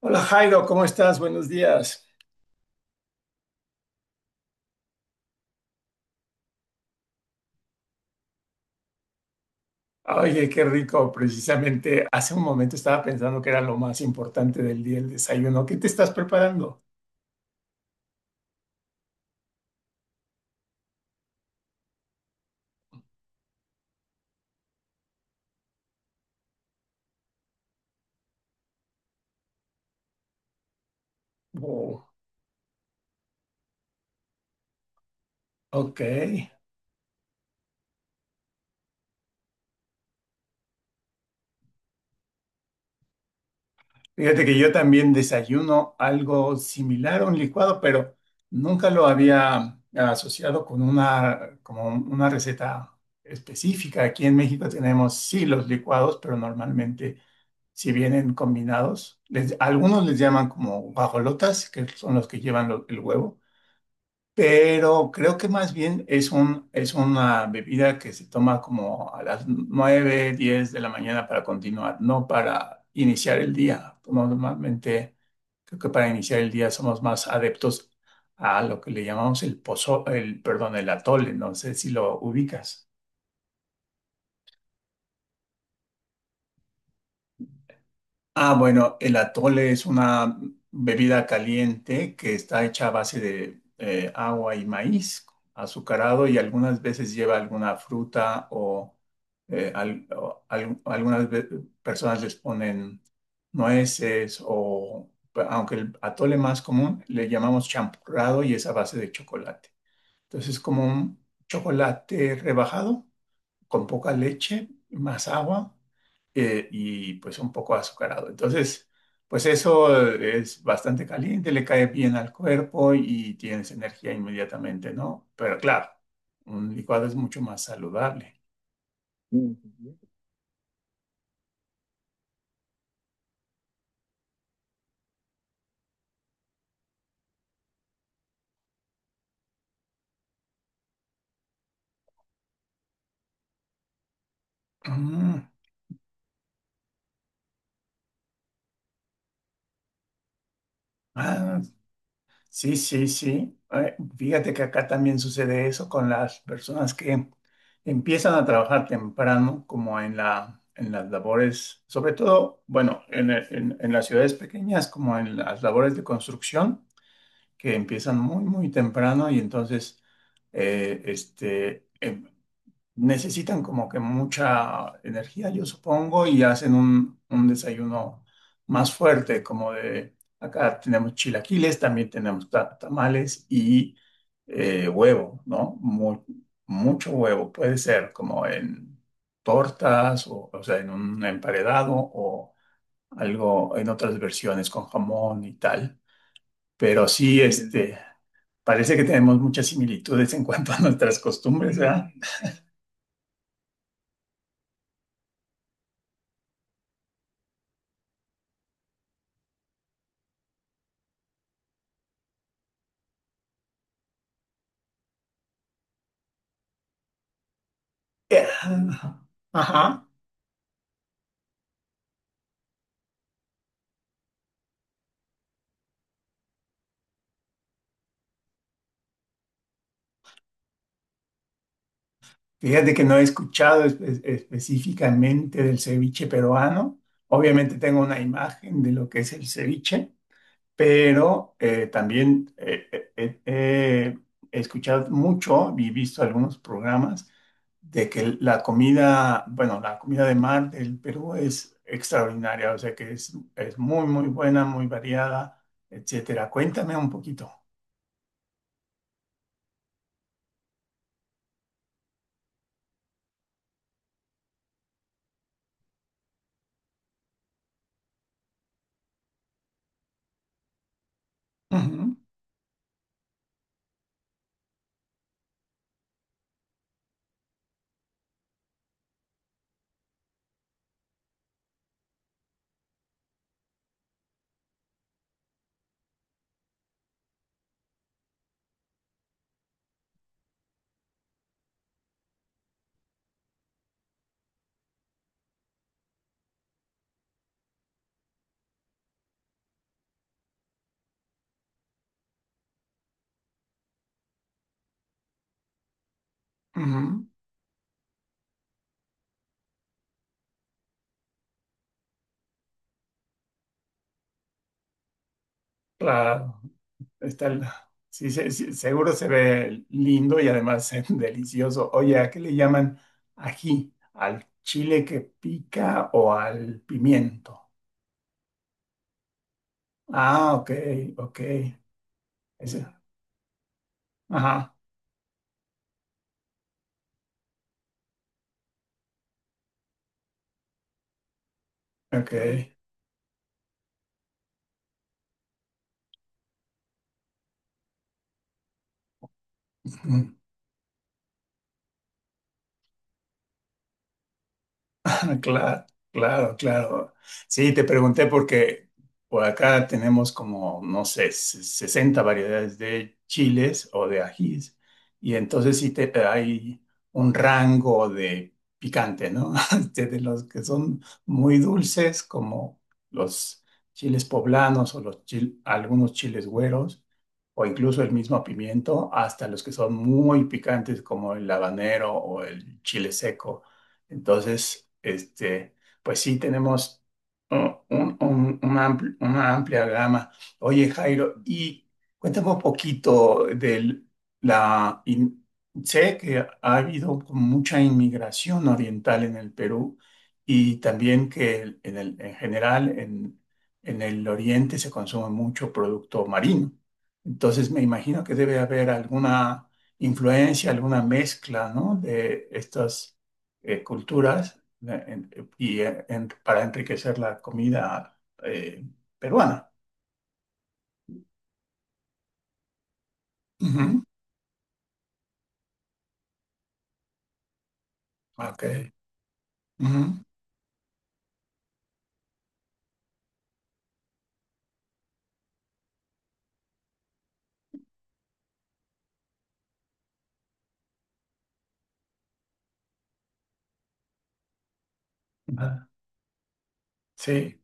Hola Jairo, ¿cómo estás? Buenos días. Oye, qué rico. Precisamente hace un momento estaba pensando que era lo más importante del día, el desayuno. ¿Qué te estás preparando? Oh, ok. Fíjate que yo también desayuno algo similar a un licuado, pero nunca lo había asociado con una, como una receta específica. Aquí en México tenemos sí los licuados, pero normalmente si vienen combinados. Les- algunos les llaman como guajolotas, que son los que llevan lo- el huevo, pero creo que más bien es un, es una bebida que se toma como a las 9:10 de la mañana para continuar, no para iniciar el día. Normalmente creo que para iniciar el día somos más adeptos a lo que le llamamos el pozo, el, perdón, el atole, no sé si lo ubicas. Ah, bueno, el atole es una bebida caliente que está hecha a base de agua y maíz azucarado y algunas veces lleva alguna fruta o, eh, al- o al- algunas ve- personas les ponen nueces o, pues, aunque el atole más común le llamamos champurrado y es a base de chocolate. Entonces es como un chocolate rebajado con poca leche, más agua y pues un poco azucarado. Entonces, pues eso es bastante caliente, le cae bien al cuerpo y tienes energía inmediatamente, ¿no? Pero claro, un licuado es mucho más saludable. Mm, ah, sí, sí, sí. Fíjate que acá también sucede eso con las personas que empiezan a trabajar temprano, como en la, en las labores, sobre todo, bueno, en las ciudades pequeñas, como en las labores de construcción que empiezan muy, muy temprano y entonces eh, este, em, necesitan como que mucha energía, yo supongo, y hacen un desayuno más fuerte, como de acá tenemos chilaquiles, también tenemos tamales y huevo, ¿no? Mucho huevo, puede ser como en tortas o sea, en un emparedado o algo en otras versiones con jamón y tal. Pero sí, mm, este, parece que tenemos muchas similitudes en cuanto a nuestras costumbres, ¿verdad? Eh, Ajá. Fíjate que no he escuchado específicamente del ceviche peruano. Obviamente tengo una imagen de lo que es el ceviche, pero también he escuchado mucho y visto algunos programas de que la comida, bueno, la comida de mar del Perú es extraordinaria, o sea que es muy, muy buena, muy variada, etcétera. Cuéntame un poquito. Ujú, ujú, claro, está sí, sí, seguro se ve lindo y además delicioso. Oye, ¿a qué le llaman ají? ¿Al chile que pica o al pimiento? Ah, ok, ok. Ese- ajá, ok. Claro, claro, claro, claro. Sí, te pregunté porque por acá tenemos como, no sé, 60 variedades de chiles o de ajís. Y entonces sí te, hay un rango de picante, ¿no? Desde los que son muy dulces, como los chiles poblanos o los algunos chiles güeros, o incluso el mismo pimiento, hasta los que son muy picantes, como el habanero o el chile seco. Entonces, este, pues sí, tenemos uh, una amplia gama. Oye, Jairo, y cuéntame un poquito de la... in- sé que ha habido como mucha inmigración oriental en el Perú y también que en general en el oriente se consume mucho producto marino. Entonces, me imagino que debe haber alguna influencia, alguna mezcla, ¿no? De estas culturas eh, en- para enriquecer la comida eh, peruana. Ujú, ok, ujú, ah, sí,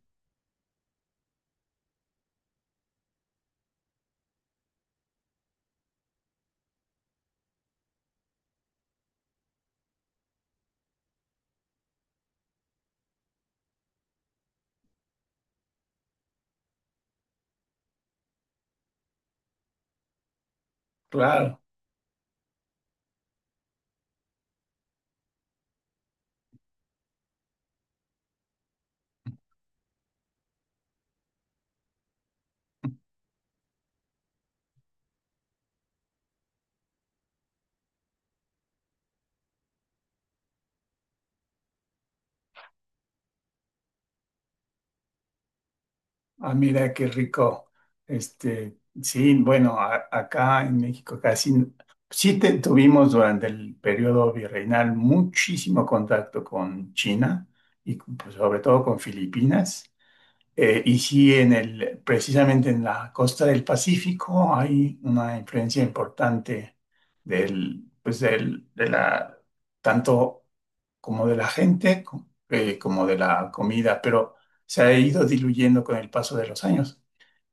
claro. Ah, mira qué rico. Este, sí, bueno, acá en México casi sí tuvimos durante el periodo virreinal muchísimo contacto con China y pues, sobre todo con Filipinas. Y sí, en el, precisamente en la costa del Pacífico hay una influencia importante del, pues del, de la, tanto como de la gente como de la comida, pero se ha ido diluyendo con el paso de los años.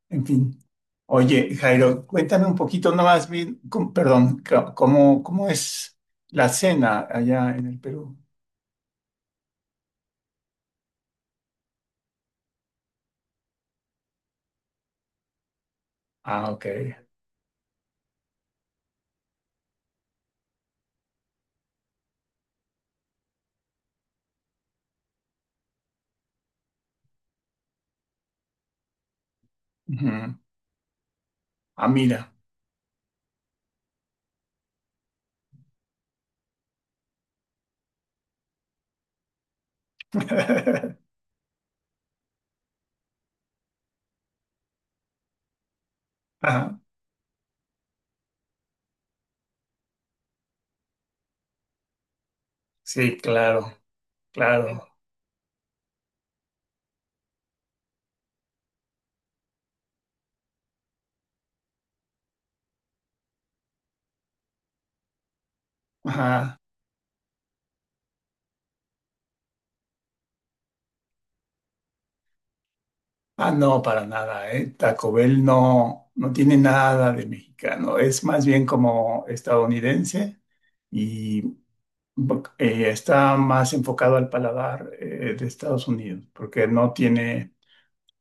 En fin. Oye, Jairo, cuéntame un poquito nomás bien, ¿cómo, cómo es la cena allá en el Perú? Ah, ok. Ujú. Ah, mira. Ajá. Sí, claro. Claro. Ajá. Ah, no, para nada, ¿eh? Taco Bell no, no tiene nada de mexicano. Es más bien como estadounidense y está más enfocado al paladar de Estados Unidos, porque no tiene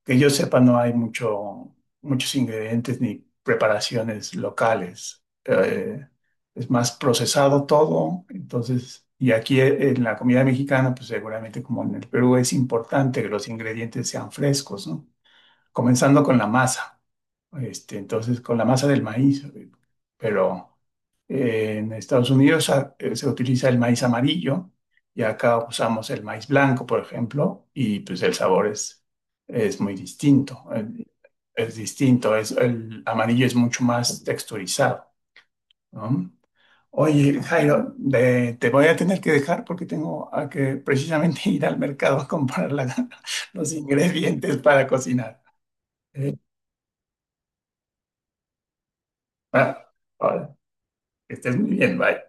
que yo sepa, no hay mucho, muchos ingredientes ni preparaciones locales. Es más procesado todo. Entonces, y aquí en la comida mexicana, pues seguramente como en el Perú, es importante que los ingredientes sean frescos, ¿no? Comenzando con la masa. Este, entonces, con la masa del maíz. Pero en Estados Unidos se utiliza el maíz amarillo y acá usamos el maíz blanco, por ejemplo, y pues el sabor es muy distinto. Es distinto, es, el amarillo es mucho más texturizado, ¿no? Oye, Jairo, te voy a tener que dejar porque tengo a que precisamente ir al mercado a comprar los ingredientes para cocinar. ¿Eh? Ah, ahora, que estés muy bien, bye.